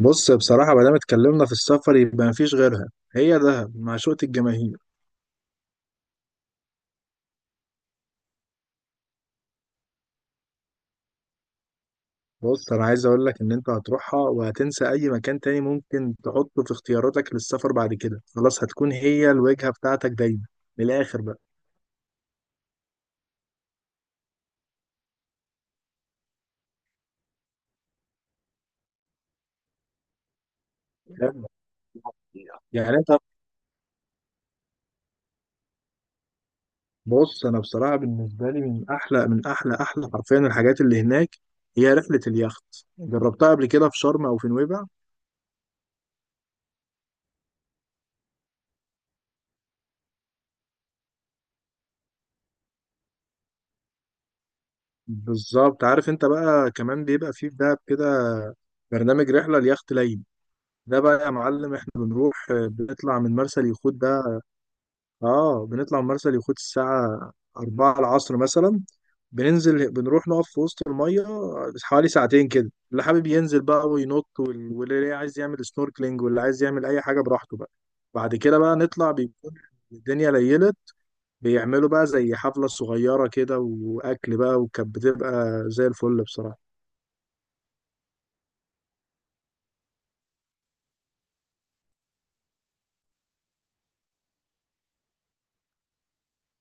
بص، بصراحة ما دام اتكلمنا في السفر يبقى مفيش غيرها. هي دهب معشوقة الجماهير. بص، أنا عايز أقول لك إن أنت هتروحها وهتنسى أي مكان تاني ممكن تحطه في اختياراتك للسفر بعد كده. خلاص، هتكون هي الوجهة بتاعتك دايما. من الآخر بقى. فاهم؟ يعني أنت... بص، أنا بصراحة بالنسبة لي من أحلى حرفيا الحاجات اللي هناك هي رحلة اليخت. جربتها قبل كده في شرم أو في نويبع. بالظبط. عارف أنت بقى كمان بيبقى فيه في دهب كده برنامج رحلة اليخت ليلي. ده بقى يا معلم احنا بنروح، بنطلع من مرسى اليخوت ده. اه، بنطلع من مرسى اليخوت الساعة 4 العصر مثلا. بننزل بنروح نقف في وسط المية حوالي ساعتين كده، اللي حابب ينزل بقى وينط، واللي عايز يعمل سنوركلينج واللي عايز يعمل أي حاجة براحته بقى. بعد كده بقى نطلع، بيكون الدنيا ليلت، بيعملوا بقى زي حفلة صغيرة كده وأكل بقى، وكانت بتبقى زي الفل بصراحة.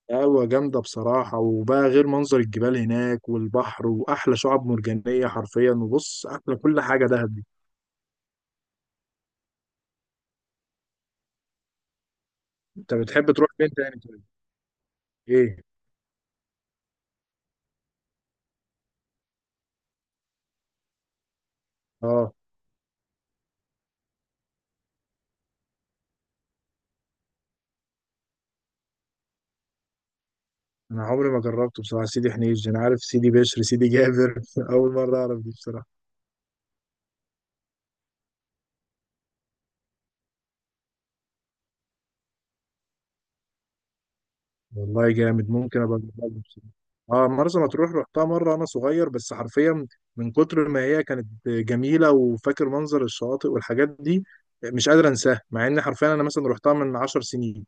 قهوة جامدة بصراحة. وبقى غير منظر الجبال هناك والبحر وأحلى شعاب مرجانية حرفيا. وبص، أحلى كل حاجة دهب دي. أنت بتحب تروح فين تاني طيب؟ إيه؟ آه. أنا عمري ما جربته بصراحة. سيدي حنيش؟ أنا عارف سيدي بشر، سيدي جابر. أول مرة أعرف دي بصراحة. والله جامد، ممكن أبقى أجربها بصراحة. آه، مرسى مطروح رحتها مرة أنا صغير، بس حرفيا من كتر ما هي كانت جميلة وفاكر منظر الشواطئ والحاجات دي، مش قادر أنساها، مع إن حرفيا أنا مثلا رحتها من عشر سنين.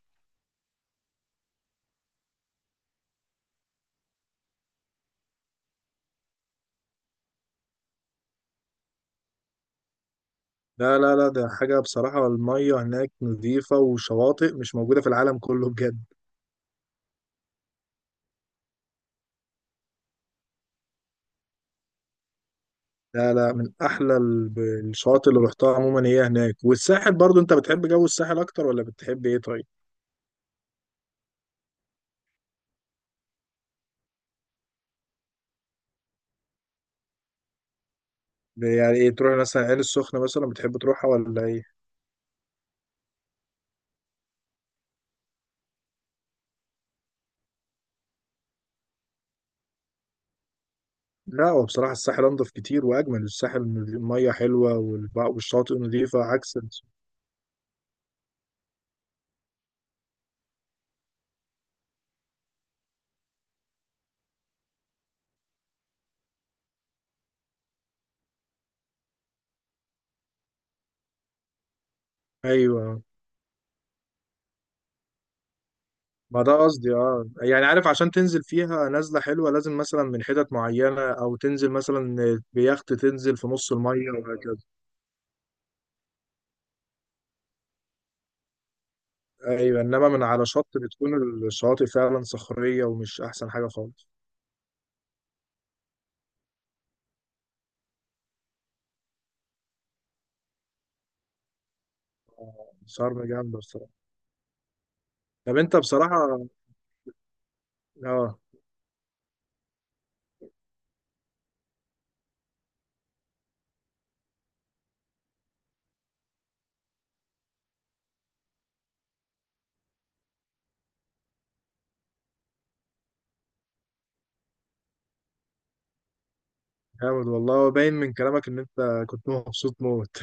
لا لا لا، ده حاجة بصراحة. المية هناك نظيفة، وشواطئ مش موجودة في العالم كله بجد. لا لا، من أحلى الشواطئ اللي رحتها عموما هي هناك. والساحل برضو، أنت بتحب جو الساحل أكتر ولا بتحب إيه طيب؟ يعني إيه، تروح مثلا عين السخنة مثلا، بتحب تروحها ولا إيه؟ لا، هو بصراحة الساحل أنضف كتير وأجمل. الساحل المية حلوة والشواطئ نظيفة، عكس أيوه، ما ده قصدي، اه يعني عارف، عشان تنزل فيها نزلة حلوة لازم مثلا من حتت معينة، أو تنزل مثلا بيخت تنزل في نص المية، وهكذا. أيوة، إنما من على شط بتكون الشواطئ فعلا صخرية، ومش أحسن حاجة خالص. شرم جامدة بصراحة. طب أنت بصراحة... اه، جامد والله، باين من كلامك إن أنت كنت مبسوط موت.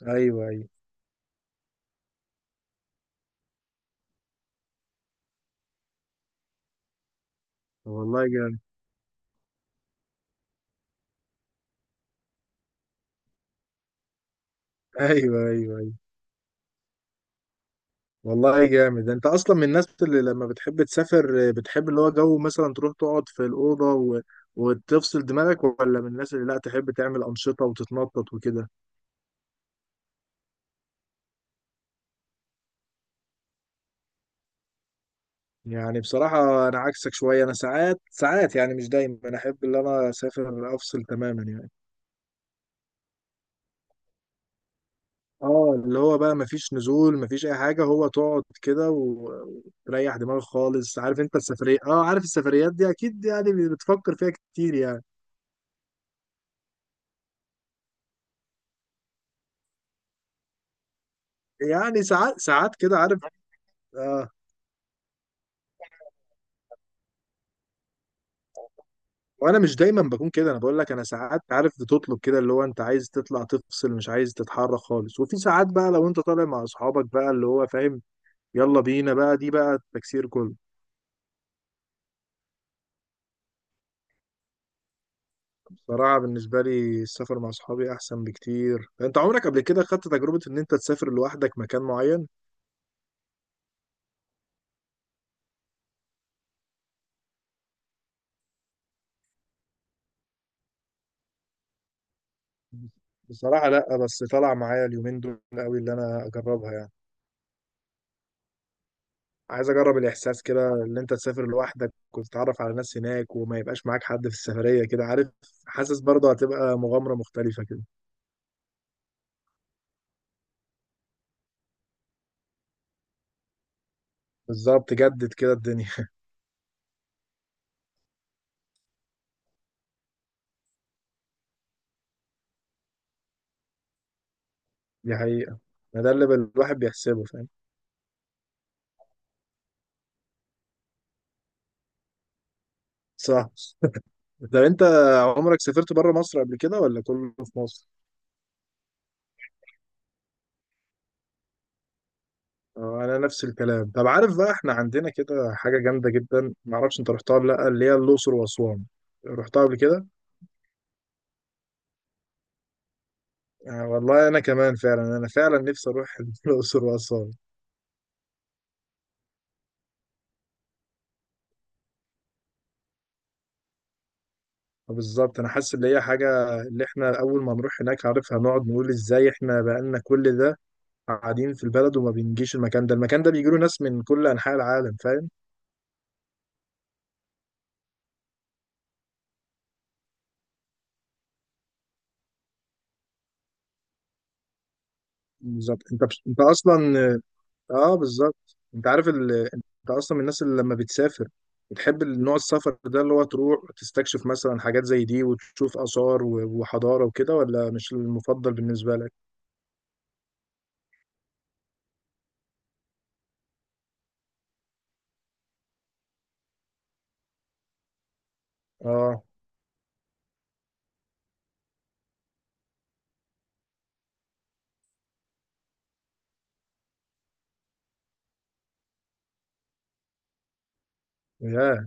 أيوة أيوة. والله جامد. أيوة أيوة أيوه. والله جامد. انت اصلا من الناس اللي لما بتحب تسافر بتحب اللي هو جو، مثلا تروح تقعد في الاوضه وتفصل دماغك، ولا من الناس اللي لا، تحب تعمل انشطه وتتنطط وكده؟ يعني بصراحه انا عكسك شويه. انا ساعات ساعات يعني، مش دايما، انا احب ان انا اسافر افصل تماما يعني. اه، اللي هو بقى مفيش نزول مفيش اي حاجه، هو تقعد كده وتريح دماغك خالص. عارف انت السفريه، اه عارف السفريات دي اكيد يعني بتفكر فيها كتير يعني. يعني ساعات ساعات كده عارف. آه. وانا مش دايما بكون كده. انا بقول لك انا ساعات عارف بتطلب كده اللي هو انت عايز تطلع تفصل، مش عايز تتحرك خالص. وفي ساعات بقى لو انت طالع مع اصحابك بقى اللي هو فاهم، يلا بينا بقى، دي بقى التكسير كله. بصراحة بالنسبة لي السفر مع اصحابي احسن بكتير. انت عمرك قبل كده خدت تجربة ان انت تسافر لوحدك مكان معين؟ بصراحة لا، بس طلع معايا اليومين دول قوي اللي انا اجربها يعني. عايز اجرب الاحساس كده، ان انت تسافر لوحدك وتتعرف على ناس هناك وما يبقاش معاك حد في السفرية كده عارف. حاسس برضه هتبقى مغامرة مختلفة كده. بالظبط، جدد كده الدنيا. دي حقيقة. ما ده اللي الواحد بيحسبه فاهم. صح. ده انت عمرك سافرت بره مصر قبل كده ولا كله في مصر؟ انا نفس الكلام. طب عارف بقى، احنا عندنا كده حاجة جامدة جدا، ما اعرفش انت رحتها ولا لا، اللي هي الاقصر واسوان. رحتها قبل كده؟ والله انا كمان فعلا، انا فعلا نفسي اروح الاقصر واسوان. بالظبط، انا حاسس ان هي حاجه اللي احنا اول ما نروح هناك عارف هنقعد نقول ازاي احنا بقالنا كل ده قاعدين في البلد وما بنجيش المكان ده. المكان ده بيجيله ناس من كل انحاء العالم فاهم. بالظبط. انت اصلا، اه بالظبط، انت عارف انت اصلا من الناس اللي لما بتسافر بتحب نوع السفر ده اللي هو تروح تستكشف مثلا حاجات زي دي، وتشوف آثار وحضارة وكده، ولا مش المفضل بالنسبة لك؟ اه. ياه.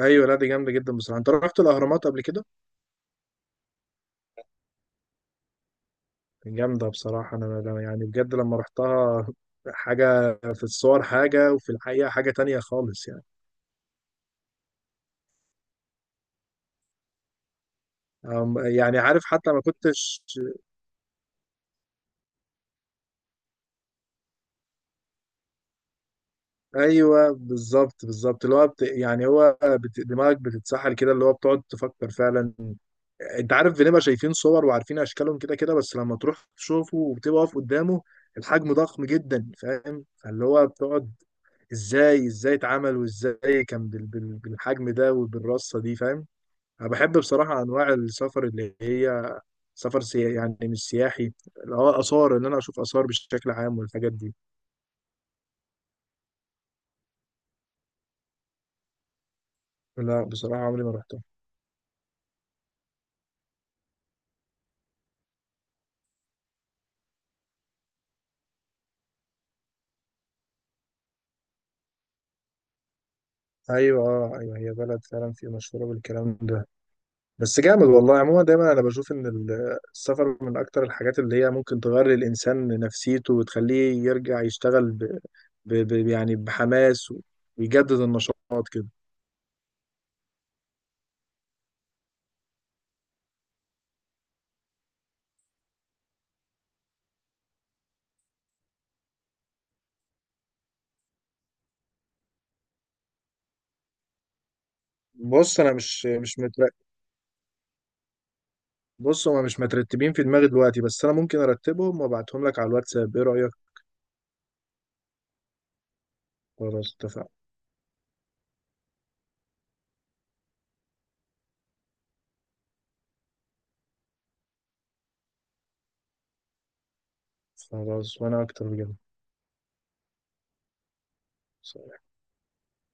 ايوه، لا دي جامدة جدا بصراحة. انت رحت الأهرامات قبل كده؟ جامدة بصراحة. يعني بجد لما رحتها، حاجة في الصور حاجة وفي الحقيقة حاجة تانية خالص يعني. يعني عارف حتى ما كنتش... أيوه بالظبط بالظبط، اللي هو يعني هو دماغك بتتسحل كده، اللي هو بتقعد تفكر فعلا. أنت عارف، بنبقى شايفين صور وعارفين أشكالهم كده كده، بس لما تروح تشوفه وبتبقى واقف قدامه الحجم ضخم جدا فاهم. فاللي هو بتقعد، إزاي إزاي اتعمل وإزاي كان بالحجم ده وبالرصة دي فاهم. أنا بحب بصراحة أنواع السفر اللي هي سفر سياحي. يعني مش سياحي، اللي هو آثار، إن أنا أشوف آثار بشكل عام والحاجات دي. لا بصراحة عمري ما رحتها. أيوة، أه أيوة، هي بلد فعلا في مشهورة بالكلام ده. بس جامد والله. عموما دايما أنا بشوف إن السفر من أكتر الحاجات اللي هي ممكن تغير للإنسان نفسيته وتخليه يرجع يشتغل يعني بحماس، ويجدد النشاط كده. بص، أنا مش متريح. بص، هما مش مترتبين في دماغي دلوقتي، بس انا ممكن ارتبهم وابعتهم لك على الواتساب. ايه رأيك؟ خلاص اتفقنا. خلاص وانا اكتر. بجد.